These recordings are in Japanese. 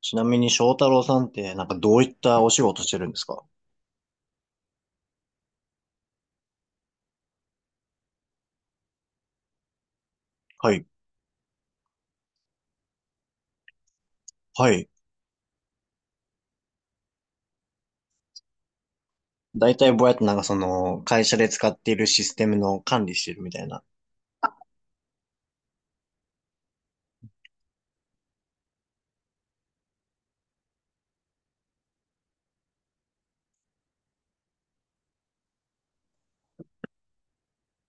ちなみに翔太郎さんってなんかどういったお仕事してるんですか？はい。はい。だいたいぼやっとなんかその会社で使っているシステムの管理してるみたいな。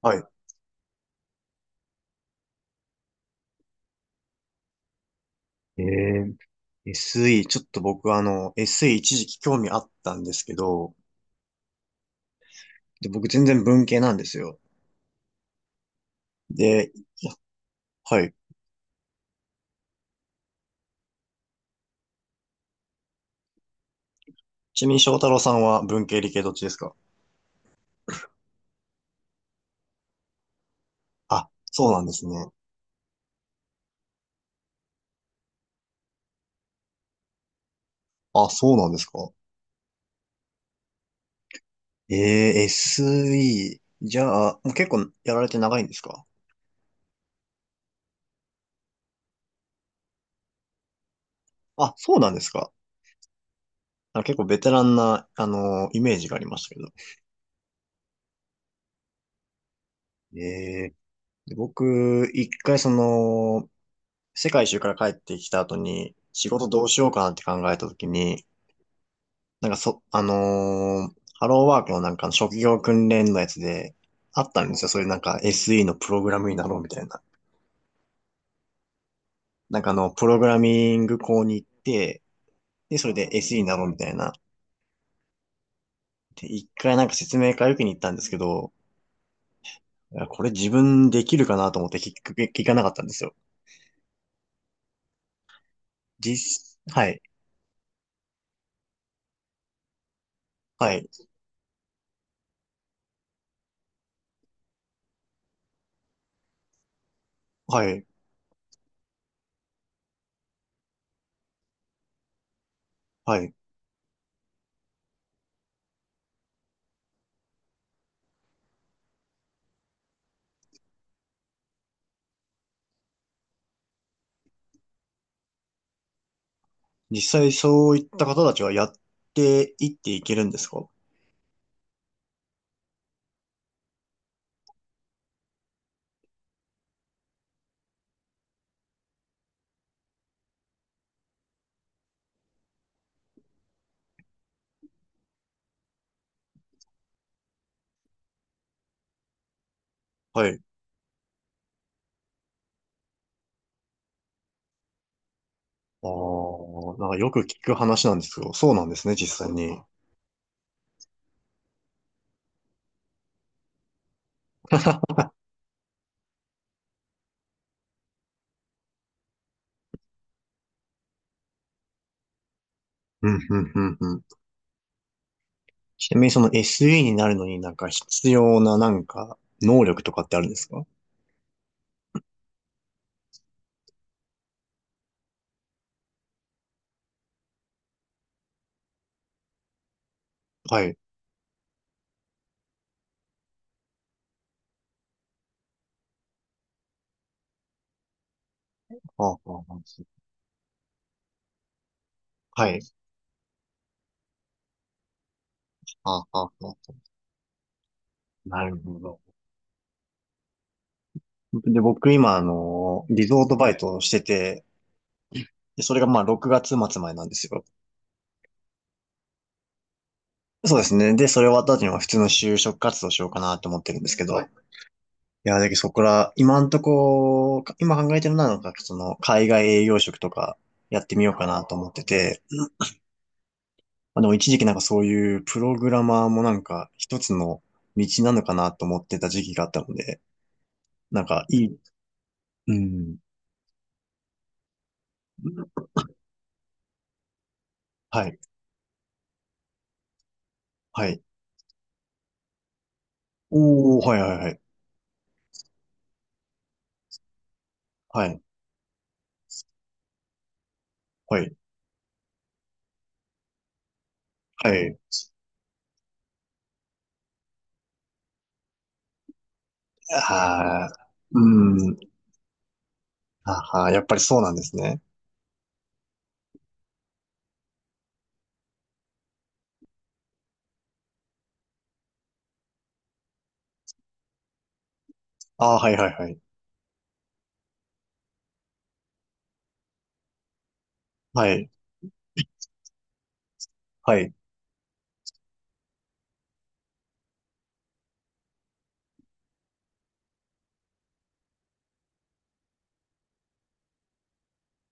はい。えSE、ちょっと僕SE 一時期興味あったんですけど、で、僕全然文系なんですよ。で、いや、はい。ちなみに翔太郎さんは文系理系どっちですか？あ、そうなんですね。あ、そうなんですか？SE、じゃあ、もう結構やられて長いんですか？あ、そうなんですか？あ、結構ベテランな、イメージがありましたけど。ええ。で僕、一回その、世界一周から帰ってきた後に、仕事どうしようかなって考えた時に、なんかそ、あのーハローワークのなんかの職業訓練のやつで、あったんですよ。そういうなんか SE のプログラムになろうみたいな。なんかプログラミング校に行って、で、それで SE になろうみたいな。で、一回なんか説明会受けに行ったんですけど、いやこれ自分できるかなと思って聞かなかったんですよ。はい、はい、はい、はい。実際そういった方たちはやっていっていけるんですか？はい。ああ、なんかよく聞く話なんですけど、そうなんですね、実際に。うん、うん、うん、うん。ちなみにその SE になるのになんか必要ななんか能力とかってあるんですか？はい。ああ、ああ、はい。ああ、ああ、なるほど。で、僕今リゾートバイトをしてて、で、それがまあ6月末までなんですよ。そうですね。で、それ終わった後にも普通の就職活動しようかなと思ってるんですけど。はい。いや、だけどそこら、今んとこ、今考えてるのは、なんかその、海外営業職とかやってみようかなと思ってて、まあ、でも一時期なんかそういうプログラマーもなんか一つの道なのかなと思ってた時期があったので、なんかいい、うん、はい、はい。おー、はい、はい、はい、はい、はい、はい。あー、うん、あー、やっぱりそうなんですね。あー、はい、はい、はい、はい、はい。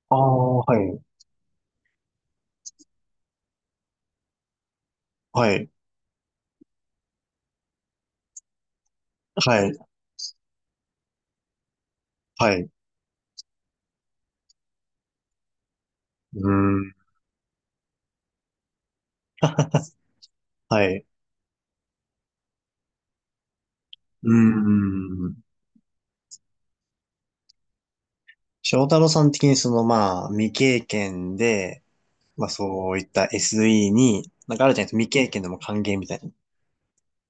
ああ、はい、はい、はい、はい、うーん、はい、うーん。翔太郎さん的にまあ、未経験で、まあ、そういった SE に、なんかあるじゃないですか、未経験でも還元みたいな。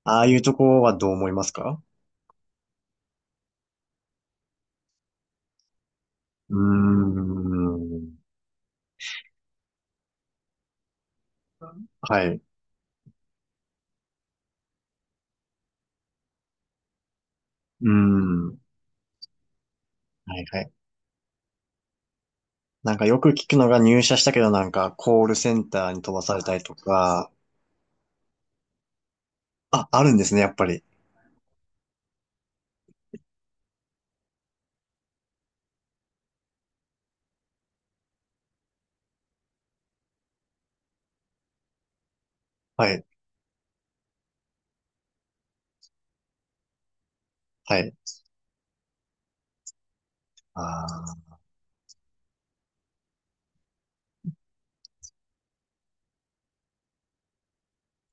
ああいうとこはどう思いますか？うーん、はい、うーん、はい、はい。なんかよく聞くのが入社したけどなんかコールセンターに飛ばされたりとか、あ、あるんですね、やっぱり。はい、はい。ああ、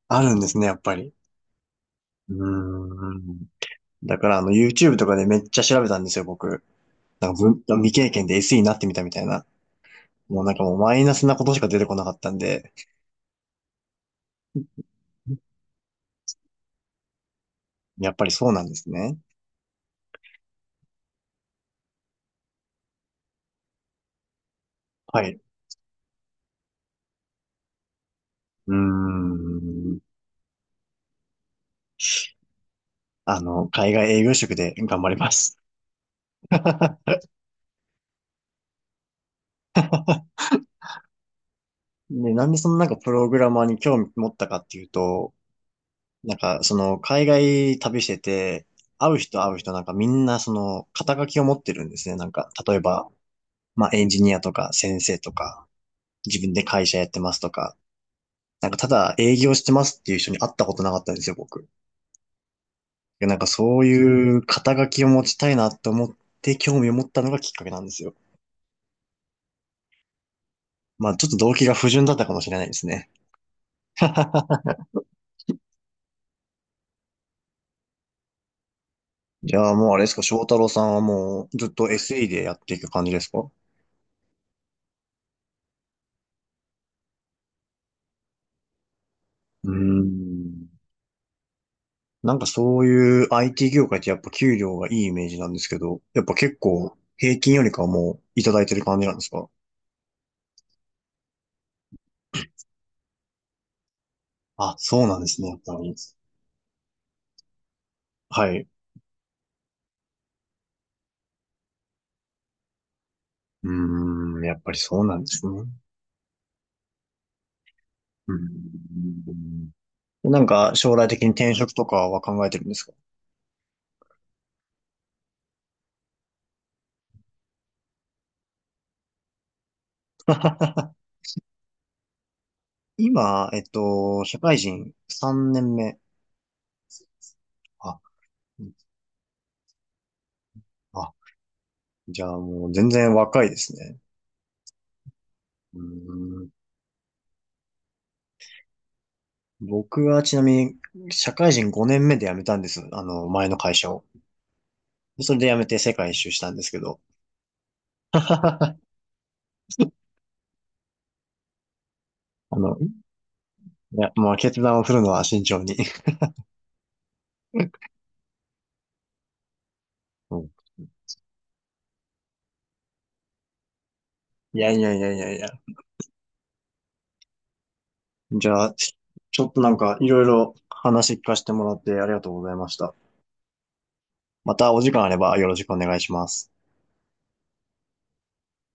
あるんですね、やっぱり。うーん。だから、YouTube とかでめっちゃ調べたんですよ、僕。なんか未経験で SE になってみたみたいな。もうなんかもうマイナスなことしか出てこなかったんで、やっぱりそうなんですね。はい。うーん。海外営業職で頑張ります。で、なんでそのなんかプログラマーに興味持ったかっていうと、なんかその海外旅してて、会う人会う人なんかみんなその肩書きを持ってるんですね。なんか、例えば、まあエンジニアとか先生とか、自分で会社やってますとか、なんかただ営業してますっていう人に会ったことなかったんですよ、僕。いやなんかそういう肩書きを持ちたいなと思って興味を持ったのがきっかけなんですよ。まあちょっと動機が不純だったかもしれないですね。じゃあもうあれですか、翔太郎さんはもうずっと SE でやっていく感じですか？うーん。なんかそういう IT 業界ってやっぱ給料がいいイメージなんですけど、やっぱ結構平均よりかはもういただいてる感じなんですか？あ、そうなんですね、やっぱり。はい。うーん、やっぱりそうなんですね。うん。なんか、将来的に転職とかは考えてるんですか？ 今、社会人3年目。あ、あ、じゃあもう全然若いですね。うーん。僕はちなみに、社会人5年目で辞めたんです。前の会社を。それで辞めて世界一周したんですけど。あの、いや、もう決断を振るのは慎重に。うん。いやいやいやいやいや。じゃあ、ちょっとなんかいろいろ話聞かせてもらってありがとうございました。またお時間あればよろしくお願いします。